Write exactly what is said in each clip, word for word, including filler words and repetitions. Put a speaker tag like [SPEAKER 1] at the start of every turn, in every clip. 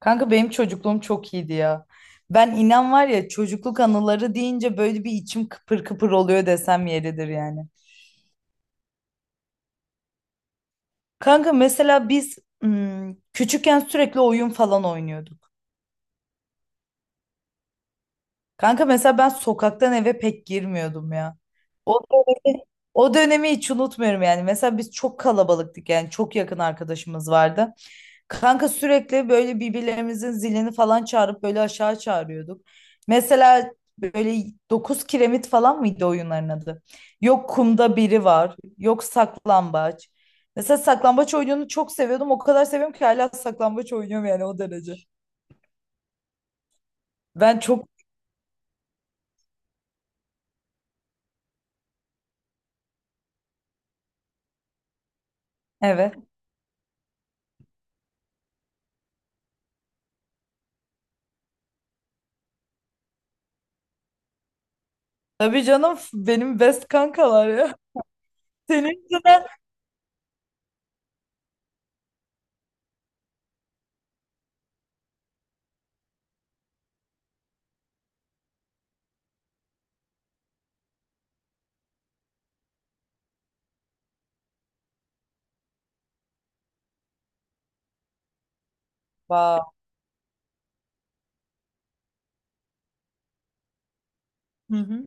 [SPEAKER 1] Kanka benim çocukluğum çok iyiydi ya. Ben inan var ya çocukluk anıları deyince böyle bir içim kıpır kıpır oluyor desem yeridir yani. Kanka mesela biz ım, küçükken sürekli oyun falan oynuyorduk. Kanka mesela ben sokaktan eve pek girmiyordum ya. O dönemi, o dönemi hiç unutmuyorum yani. Mesela biz çok kalabalıktık, yani çok yakın arkadaşımız vardı. Kanka sürekli böyle birbirlerimizin zilini falan çağırıp böyle aşağı çağırıyorduk. Mesela böyle dokuz kiremit falan mıydı oyunların adı? Yok kumda biri var, yok saklambaç. Mesela saklambaç oyununu çok seviyordum. O kadar seviyorum ki hala saklambaç oynuyorum, yani o derece. Ben çok. Evet. Tabii canım, f- benim best kankalar ya. Senin yüzünden. Vay. Hı hı.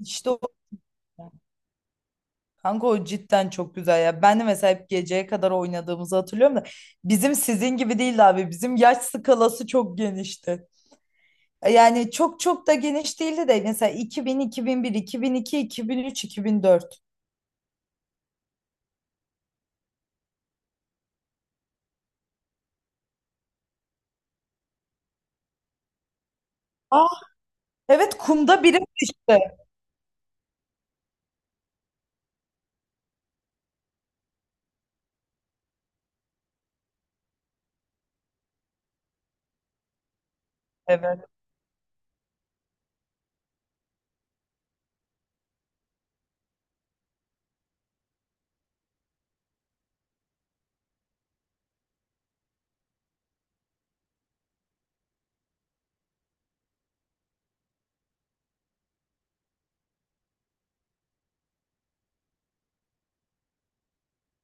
[SPEAKER 1] İşte o. Kanka o cidden çok güzel ya. Ben de mesela hep geceye kadar oynadığımızı hatırlıyorum da bizim sizin gibi değildi abi. Bizim yaş skalası çok genişti. Yani çok çok da geniş değildi de, mesela iki bin, iki bin bir, iki bin iki, iki bin, bin bin bir, bin üç, iki bin dört. Ah. Evet, kumda birim işte. Evet.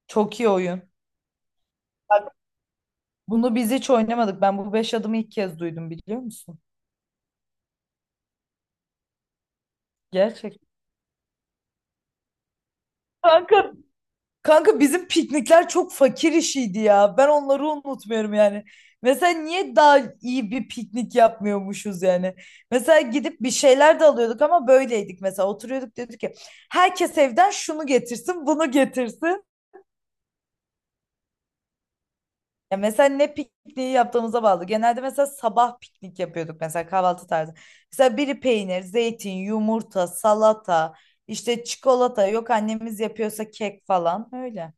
[SPEAKER 1] Çok iyi oyun. Bak, bunu biz hiç oynamadık. Ben bu beş adımı ilk kez duydum, biliyor musun? Gerçekten. Kanka, kanka bizim piknikler çok fakir işiydi ya. Ben onları unutmuyorum yani. Mesela niye daha iyi bir piknik yapmıyormuşuz yani? Mesela gidip bir şeyler de alıyorduk ama böyleydik mesela. Oturuyorduk, dedik ki herkes evden şunu getirsin, bunu getirsin. Ya mesela ne pikniği yaptığımıza bağlı. Genelde mesela sabah piknik yapıyorduk, mesela kahvaltı tarzı. Mesela biri peynir, zeytin, yumurta, salata, işte çikolata, yok annemiz yapıyorsa kek falan öyle.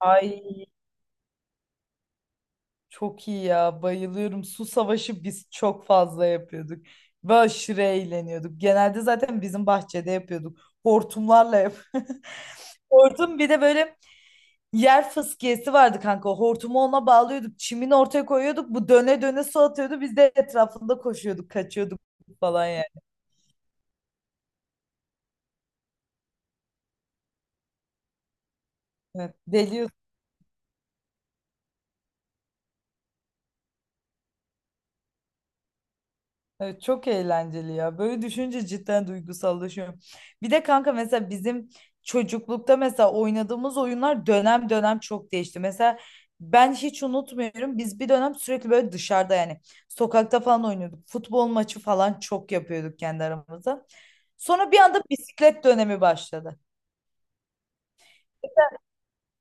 [SPEAKER 1] Ay, çok iyi ya, bayılıyorum. Su savaşı biz çok fazla yapıyorduk. Ve aşırı eğleniyorduk. Genelde zaten bizim bahçede yapıyorduk. Hortumlarla yap. Hortum, bir de böyle yer fıskiyesi vardı kanka. Hortumu ona bağlıyorduk. Çimini ortaya koyuyorduk. Bu döne döne su atıyordu. Biz de etrafında koşuyorduk, kaçıyorduk falan yani. Evet, Deli Evet, çok eğlenceli ya. Böyle düşünce cidden duygusallaşıyorum. Bir de kanka mesela bizim çocuklukta mesela oynadığımız oyunlar dönem dönem çok değişti. Mesela ben hiç unutmuyorum. Biz bir dönem sürekli böyle dışarıda, yani sokakta falan oynuyorduk. Futbol maçı falan çok yapıyorduk kendi aramızda. Sonra bir anda bisiklet dönemi başladı.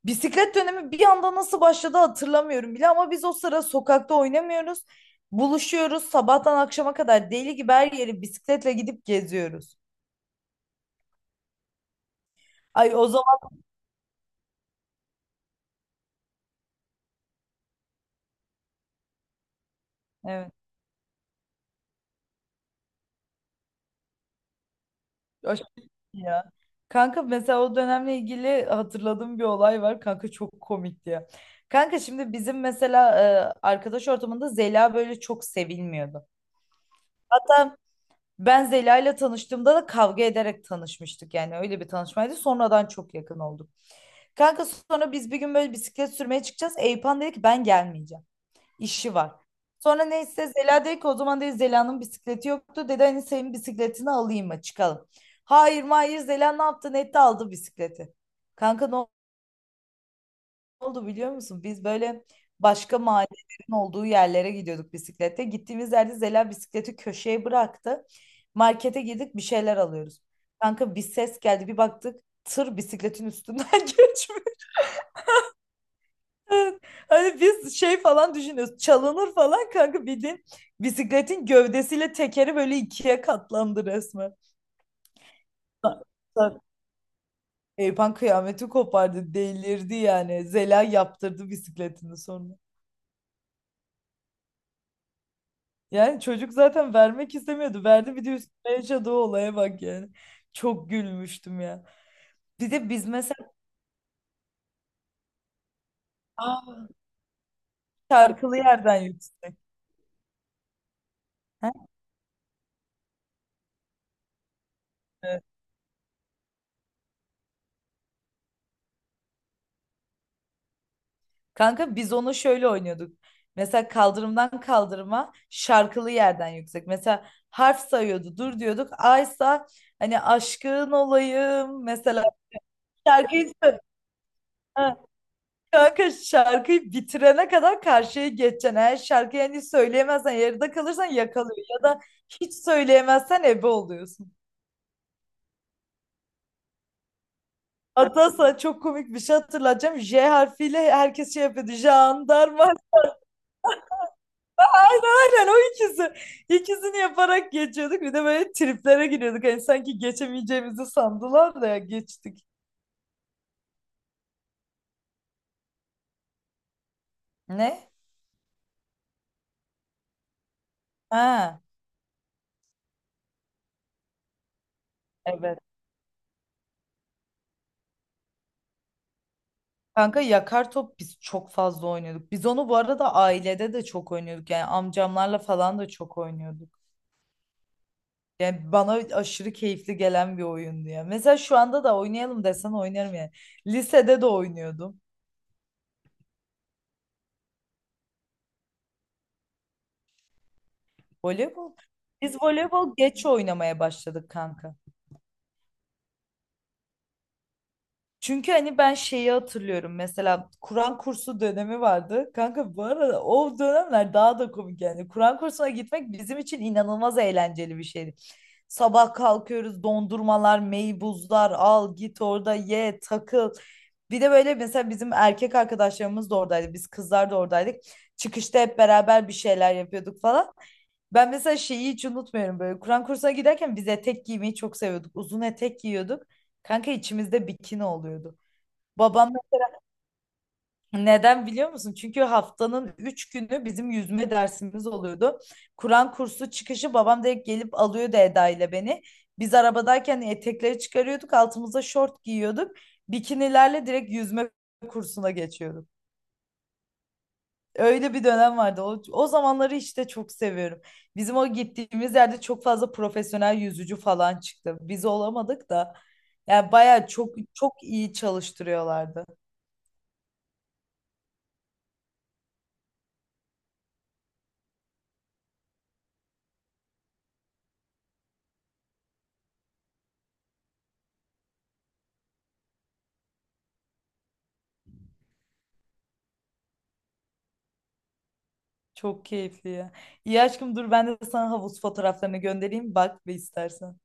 [SPEAKER 1] Bisiklet dönemi bir anda nasıl başladı hatırlamıyorum bile, ama biz o sıra sokakta oynamıyoruz. Buluşuyoruz sabahtan akşama kadar, deli gibi her yeri bisikletle gidip geziyoruz. Ay, o zaman evet. Aşırı iyi ya. Kanka mesela o dönemle ilgili hatırladığım bir olay var. Kanka çok komikti ya. Kanka şimdi bizim mesela, e, arkadaş ortamında Zela böyle çok sevilmiyordu. Hatta ben Zela ile tanıştığımda da kavga ederek tanışmıştık. Yani öyle bir tanışmaydı. Sonradan çok yakın olduk. Kanka sonra biz bir gün böyle bisiklet sürmeye çıkacağız. Eyüphan dedi ki ben gelmeyeceğim. İşi var. Sonra neyse Zela dedi ki, o zaman dedi, Zela'nın bisikleti yoktu. Dedi hani senin bisikletini alayım mı, çıkalım. Hayır hayır, Zela ne yaptı? Ne Nette aldı bisikleti. Kanka, ne oldu biliyor musun? Biz böyle başka mahallelerin olduğu yerlere gidiyorduk bisiklette. Gittiğimiz yerde Zela bisikleti köşeye bıraktı. Markete girdik, bir şeyler alıyoruz. Kanka bir ses geldi, bir baktık, tır bisikletin üstünden geçmiş. Evet. Hani biz şey falan düşünüyoruz. Çalınır falan kanka, bildiğin bisikletin gövdesiyle tekeri böyle ikiye katlandı resmen. Ta- ta- Eyüphan kıyameti kopardı. Delirdi yani. Zela yaptırdı bisikletini sonra. Yani çocuk zaten vermek istemiyordu. Verdi bir de, üstüne yaşadığı olaya bak yani. Çok gülmüştüm ya. Bir de biz mesela, aa, şarkılı yerden yüksek. He? Kanka biz onu şöyle oynuyorduk. Mesela kaldırımdan kaldırıma şarkılı yerden yüksek. Mesela harf sayıyordu. Dur diyorduk. Aysa, hani aşkın olayım mesela, şarkıyı sö- Ha, kanka şarkıyı bitirene kadar karşıya geçeceksin. Eğer şarkıyı hani söyleyemezsen, yarıda kalırsan yakalıyor, ya da hiç söyleyemezsen ebe oluyorsun. Hatta sana çok komik bir şey hatırlatacağım. je harfiyle herkes şey yapıyordu. Jandarma. Aynen o ikisi. İkisini yaparak geçiyorduk. Bir de böyle triplere giriyorduk. Hani sanki geçemeyeceğimizi sandılar da geçtik. Ne? Ha, evet. Kanka yakar top biz çok fazla oynuyorduk. Biz onu bu arada ailede de çok oynuyorduk. Yani amcamlarla falan da çok oynuyorduk. Yani bana aşırı keyifli gelen bir oyundu ya. Mesela şu anda da oynayalım desen oynarım yani. Lisede de oynuyordum. Voleybol. Biz voleybol geç oynamaya başladık kanka. Çünkü hani ben şeyi hatırlıyorum, mesela Kur'an kursu dönemi vardı. Kanka bu arada o dönemler daha da komik yani. Kur'an kursuna gitmek bizim için inanılmaz eğlenceli bir şeydi. Sabah kalkıyoruz, dondurmalar, meybuzlar al, git orada ye, takıl. Bir de böyle mesela bizim erkek arkadaşlarımız da oradaydı. Biz kızlar da oradaydık. Çıkışta hep beraber bir şeyler yapıyorduk falan. Ben mesela şeyi hiç unutmuyorum böyle. Kur'an kursuna giderken biz etek giymeyi çok seviyorduk. Uzun etek giyiyorduk. Kanka içimizde bikini oluyordu. Babam, neden biliyor musun? Çünkü haftanın üç günü bizim yüzme dersimiz oluyordu. Kur'an kursu çıkışı babam direkt gelip alıyordu Eda ile beni. Biz arabadayken etekleri çıkarıyorduk, altımıza şort giyiyorduk. Bikinilerle direkt yüzme kursuna geçiyorduk. Öyle bir dönem vardı. O, o zamanları işte çok seviyorum. Bizim o gittiğimiz yerde çok fazla profesyonel yüzücü falan çıktı. Biz olamadık da. Yani bayağı çok çok iyi çalıştırıyorlardı. Çok keyifli ya. İyi aşkım, dur ben de sana havuz fotoğraflarını göndereyim. Bak ve istersen.